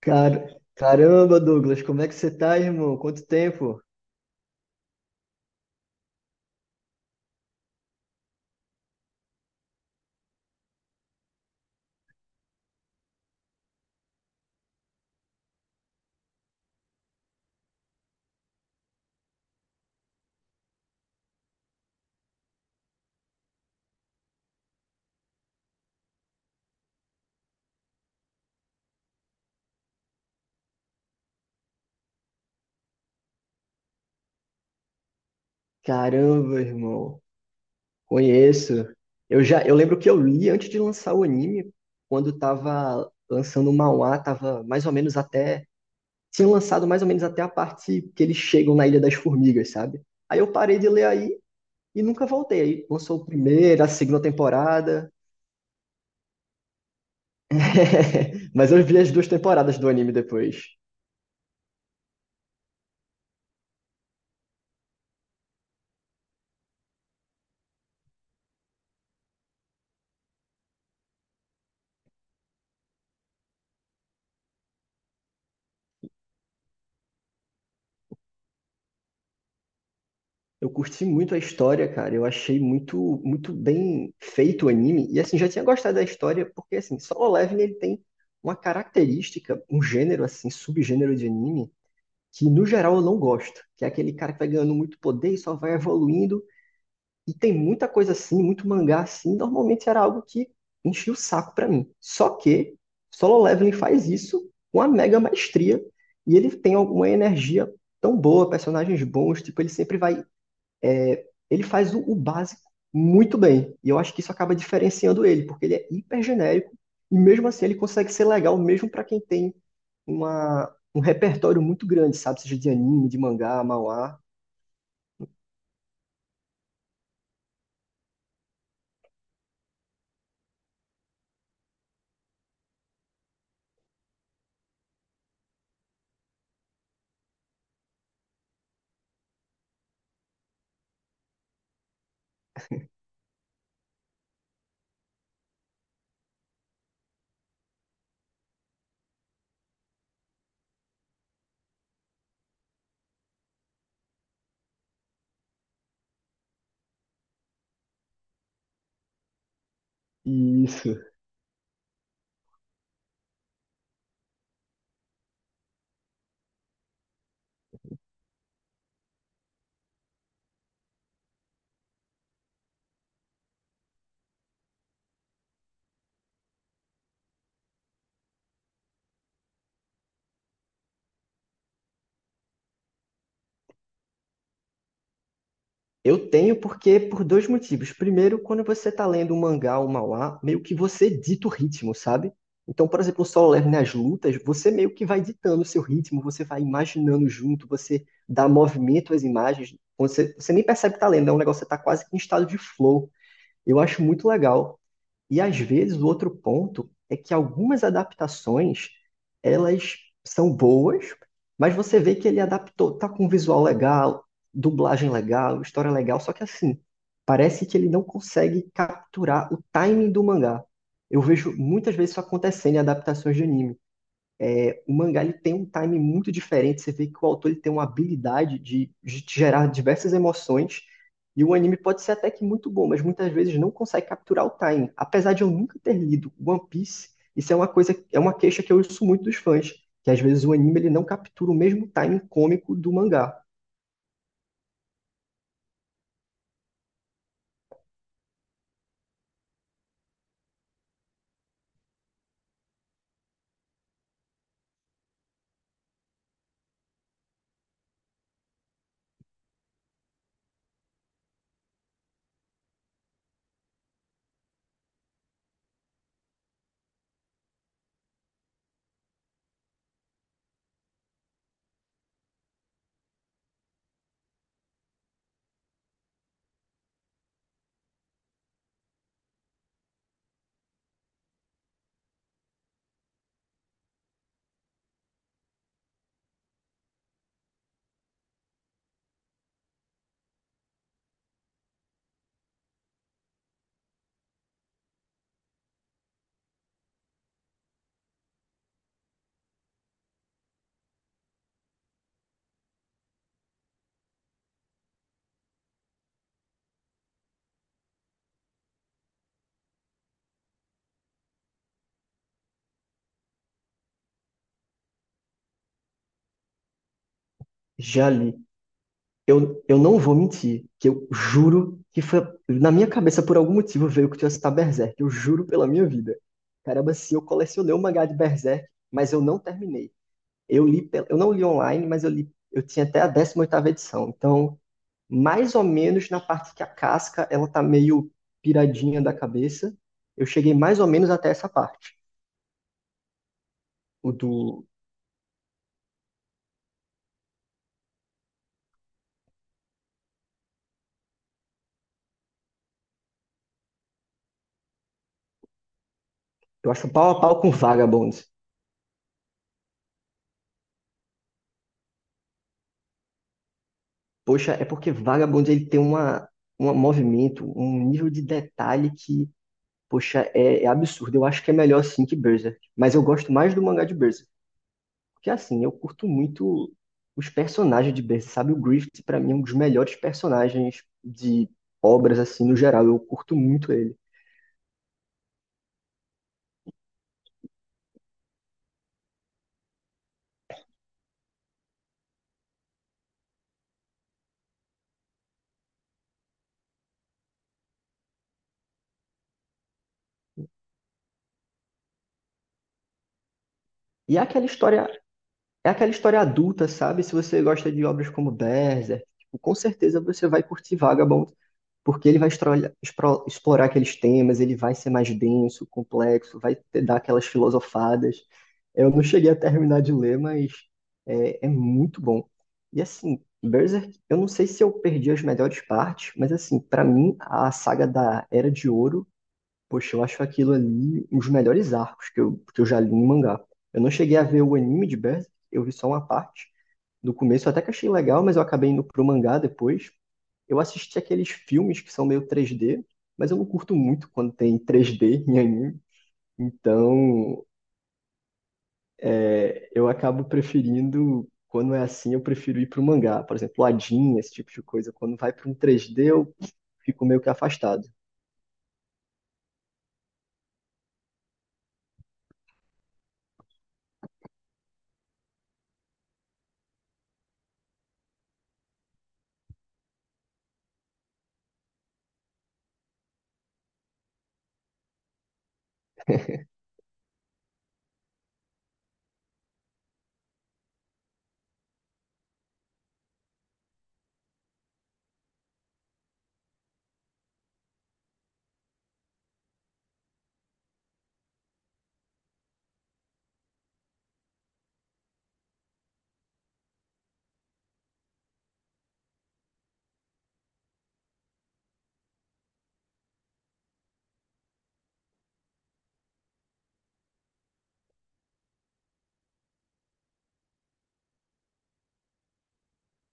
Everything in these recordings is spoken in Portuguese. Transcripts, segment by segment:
Caramba, Douglas, como é que você tá, irmão? Quanto tempo? Caramba, irmão. Conheço. Eu lembro que eu li antes de lançar o anime, quando tava lançando o manhwa, tava mais ou menos até, tinha lançado mais ou menos até a parte que eles chegam na Ilha das Formigas, sabe? Aí eu parei de ler aí e nunca voltei. Aí lançou a primeira, a segunda temporada, mas eu vi as duas temporadas do anime depois. Eu curti muito a história, cara. Eu achei muito, muito bem feito o anime. E assim, já tinha gostado da história, porque assim, Solo Leveling ele tem uma característica, um gênero assim, subgênero de anime, que no geral eu não gosto, que é aquele cara que vai ganhando muito poder e só vai evoluindo. E tem muita coisa assim, muito mangá assim, normalmente era algo que enchia o saco pra mim. Só que Solo Leveling faz isso com a mega maestria e ele tem alguma energia tão boa, personagens bons, tipo, ele sempre vai ele faz o básico muito bem. E eu acho que isso acaba diferenciando ele, porque ele é hiper genérico e mesmo assim ele consegue ser legal mesmo para quem tem um repertório muito grande, sabe? Seja de anime, de mangá, manhwa. E isso. Eu tenho porque por dois motivos. Primeiro, quando você está lendo um mangá ou um manhwa, meio que você dita o ritmo, sabe? Então, por exemplo, o Solo Leveling nas lutas, você meio que vai ditando o seu ritmo, você vai imaginando junto, você dá movimento às imagens, você nem percebe que tá lendo, é um negócio que você tá quase que em estado de flow. Eu acho muito legal. E às vezes o outro ponto é que algumas adaptações, elas são boas, mas você vê que ele adaptou, tá com um visual legal, dublagem legal, história legal, só que assim, parece que ele não consegue capturar o timing do mangá. Eu vejo muitas vezes isso acontecendo em adaptações de anime. O mangá ele tem um time muito diferente, você vê que o autor ele tem uma habilidade de gerar diversas emoções, e o anime pode ser até que muito bom, mas muitas vezes não consegue capturar o time. Apesar de eu nunca ter lido One Piece, isso é uma coisa, é uma queixa que eu ouço muito dos fãs, que às vezes o anime ele não captura o mesmo time cômico do mangá. Já li. Eu não vou mentir, que eu juro que foi. Na minha cabeça, por algum motivo, veio que eu tinha citado Berserk. Eu juro pela minha vida. Caramba, sim, eu colecionei o mangá de Berserk, mas eu não terminei. Eu li, eu não li online, mas eu li. Eu tinha até a 18ª edição. Então, mais ou menos na parte que a casca, ela tá meio piradinha da cabeça. Eu cheguei mais ou menos até essa parte. O do. Eu acho pau a pau com Vagabond. Poxa, é porque Vagabond ele tem uma, um movimento, um nível de detalhe que, poxa, é absurdo. Eu acho que é melhor assim que Berserk. Mas eu gosto mais do mangá de Berserk. Porque assim, eu curto muito os personagens de Berserk, sabe? O Griffith, pra mim, é um dos melhores personagens de obras, assim, no geral. Eu curto muito ele. E é aquela história adulta, sabe? Se você gosta de obras como Berserk, tipo, com certeza você vai curtir Vagabond. Porque ele vai explorar aqueles temas, ele vai ser mais denso, complexo, dar aquelas filosofadas. Eu não cheguei a terminar de ler, mas é muito bom. E assim, Berserk, eu não sei se eu perdi as melhores partes, mas assim, pra mim, a saga da Era de Ouro, poxa, eu acho aquilo ali um dos melhores arcos que eu já li em mangá. Eu não cheguei a ver o anime de Berserk, eu vi só uma parte. No começo eu até que achei legal, mas eu acabei indo pro mangá depois. Eu assisti aqueles filmes que são meio 3D, mas eu não curto muito quando tem 3D em anime. Então, é, eu acabo preferindo, quando é assim, eu prefiro ir para o mangá. Por exemplo, Adin, esse tipo de coisa. Quando vai para um 3D, eu fico meio que afastado.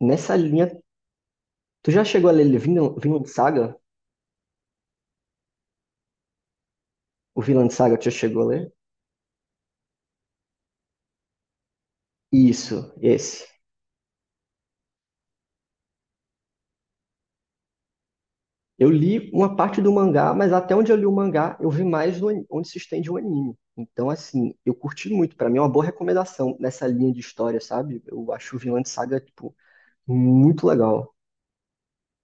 Nessa linha, tu já chegou a ler Vinland Saga? O Vinland Saga, tu já chegou a ler? Isso, esse. Eu li uma parte do mangá, mas até onde eu li o mangá, eu vi mais do onde se estende o anime. Então, assim, eu curti muito. Pra mim é uma boa recomendação nessa linha de história, sabe? Eu acho Vinland Saga, tipo, muito legal.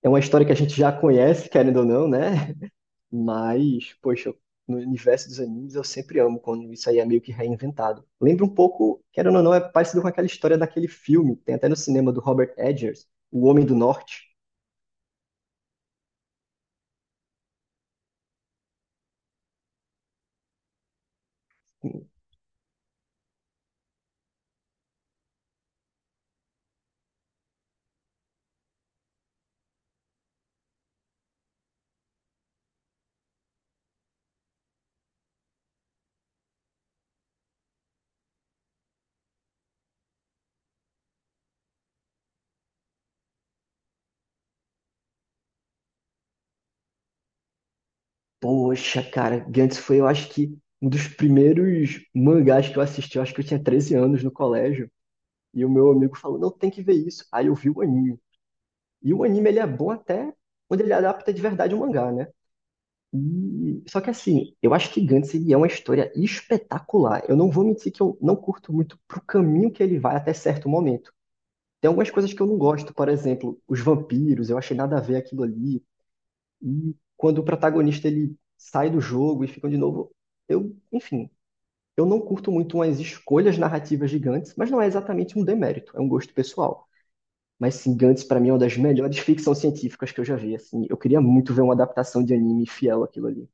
É uma história que a gente já conhece, querendo ou não, né? Mas, poxa, no universo dos animes eu sempre amo quando isso aí é meio que reinventado. Lembra um pouco, querendo ou não, é parecido com aquela história daquele filme, tem até no cinema do Robert Edgers, O Homem do Norte. Poxa, cara, Gantz foi, eu acho que, um dos primeiros mangás que eu assisti. Eu acho que eu tinha 13 anos no colégio. E o meu amigo falou, não, tem que ver isso. Aí eu vi o anime. E o anime, ele é bom até quando ele adapta de verdade o mangá, né? Só que assim, eu acho que Gantz, ele é uma história espetacular. Eu não vou mentir que eu não curto muito pro caminho que ele vai até certo momento. Tem algumas coisas que eu não gosto, por exemplo, os vampiros, eu achei nada a ver aquilo ali. E quando o protagonista ele sai do jogo e fica de novo, eu, enfim, eu não curto muito umas escolhas narrativas de Gantz, mas não é exatamente um demérito, é um gosto pessoal. Mas sim, Gantz pra mim é uma das melhores ficção científicas que eu já vi, assim. Eu queria muito ver uma adaptação de anime fiel àquilo ali.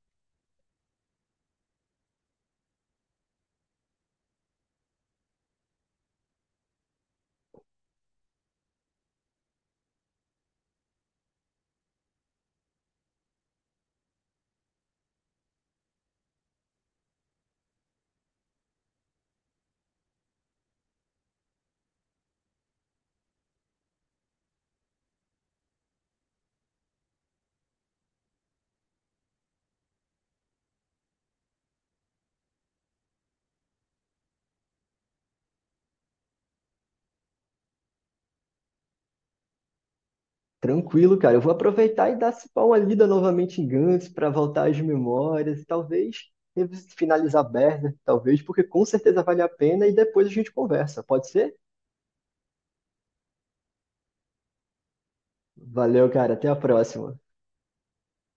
Tranquilo, cara, eu vou aproveitar e dar se pá, uma lida novamente em Gantz pra voltar às memórias e talvez finalizar Berserk, talvez, porque com certeza vale a pena e depois a gente conversa. Pode ser? Valeu, cara, até a próxima.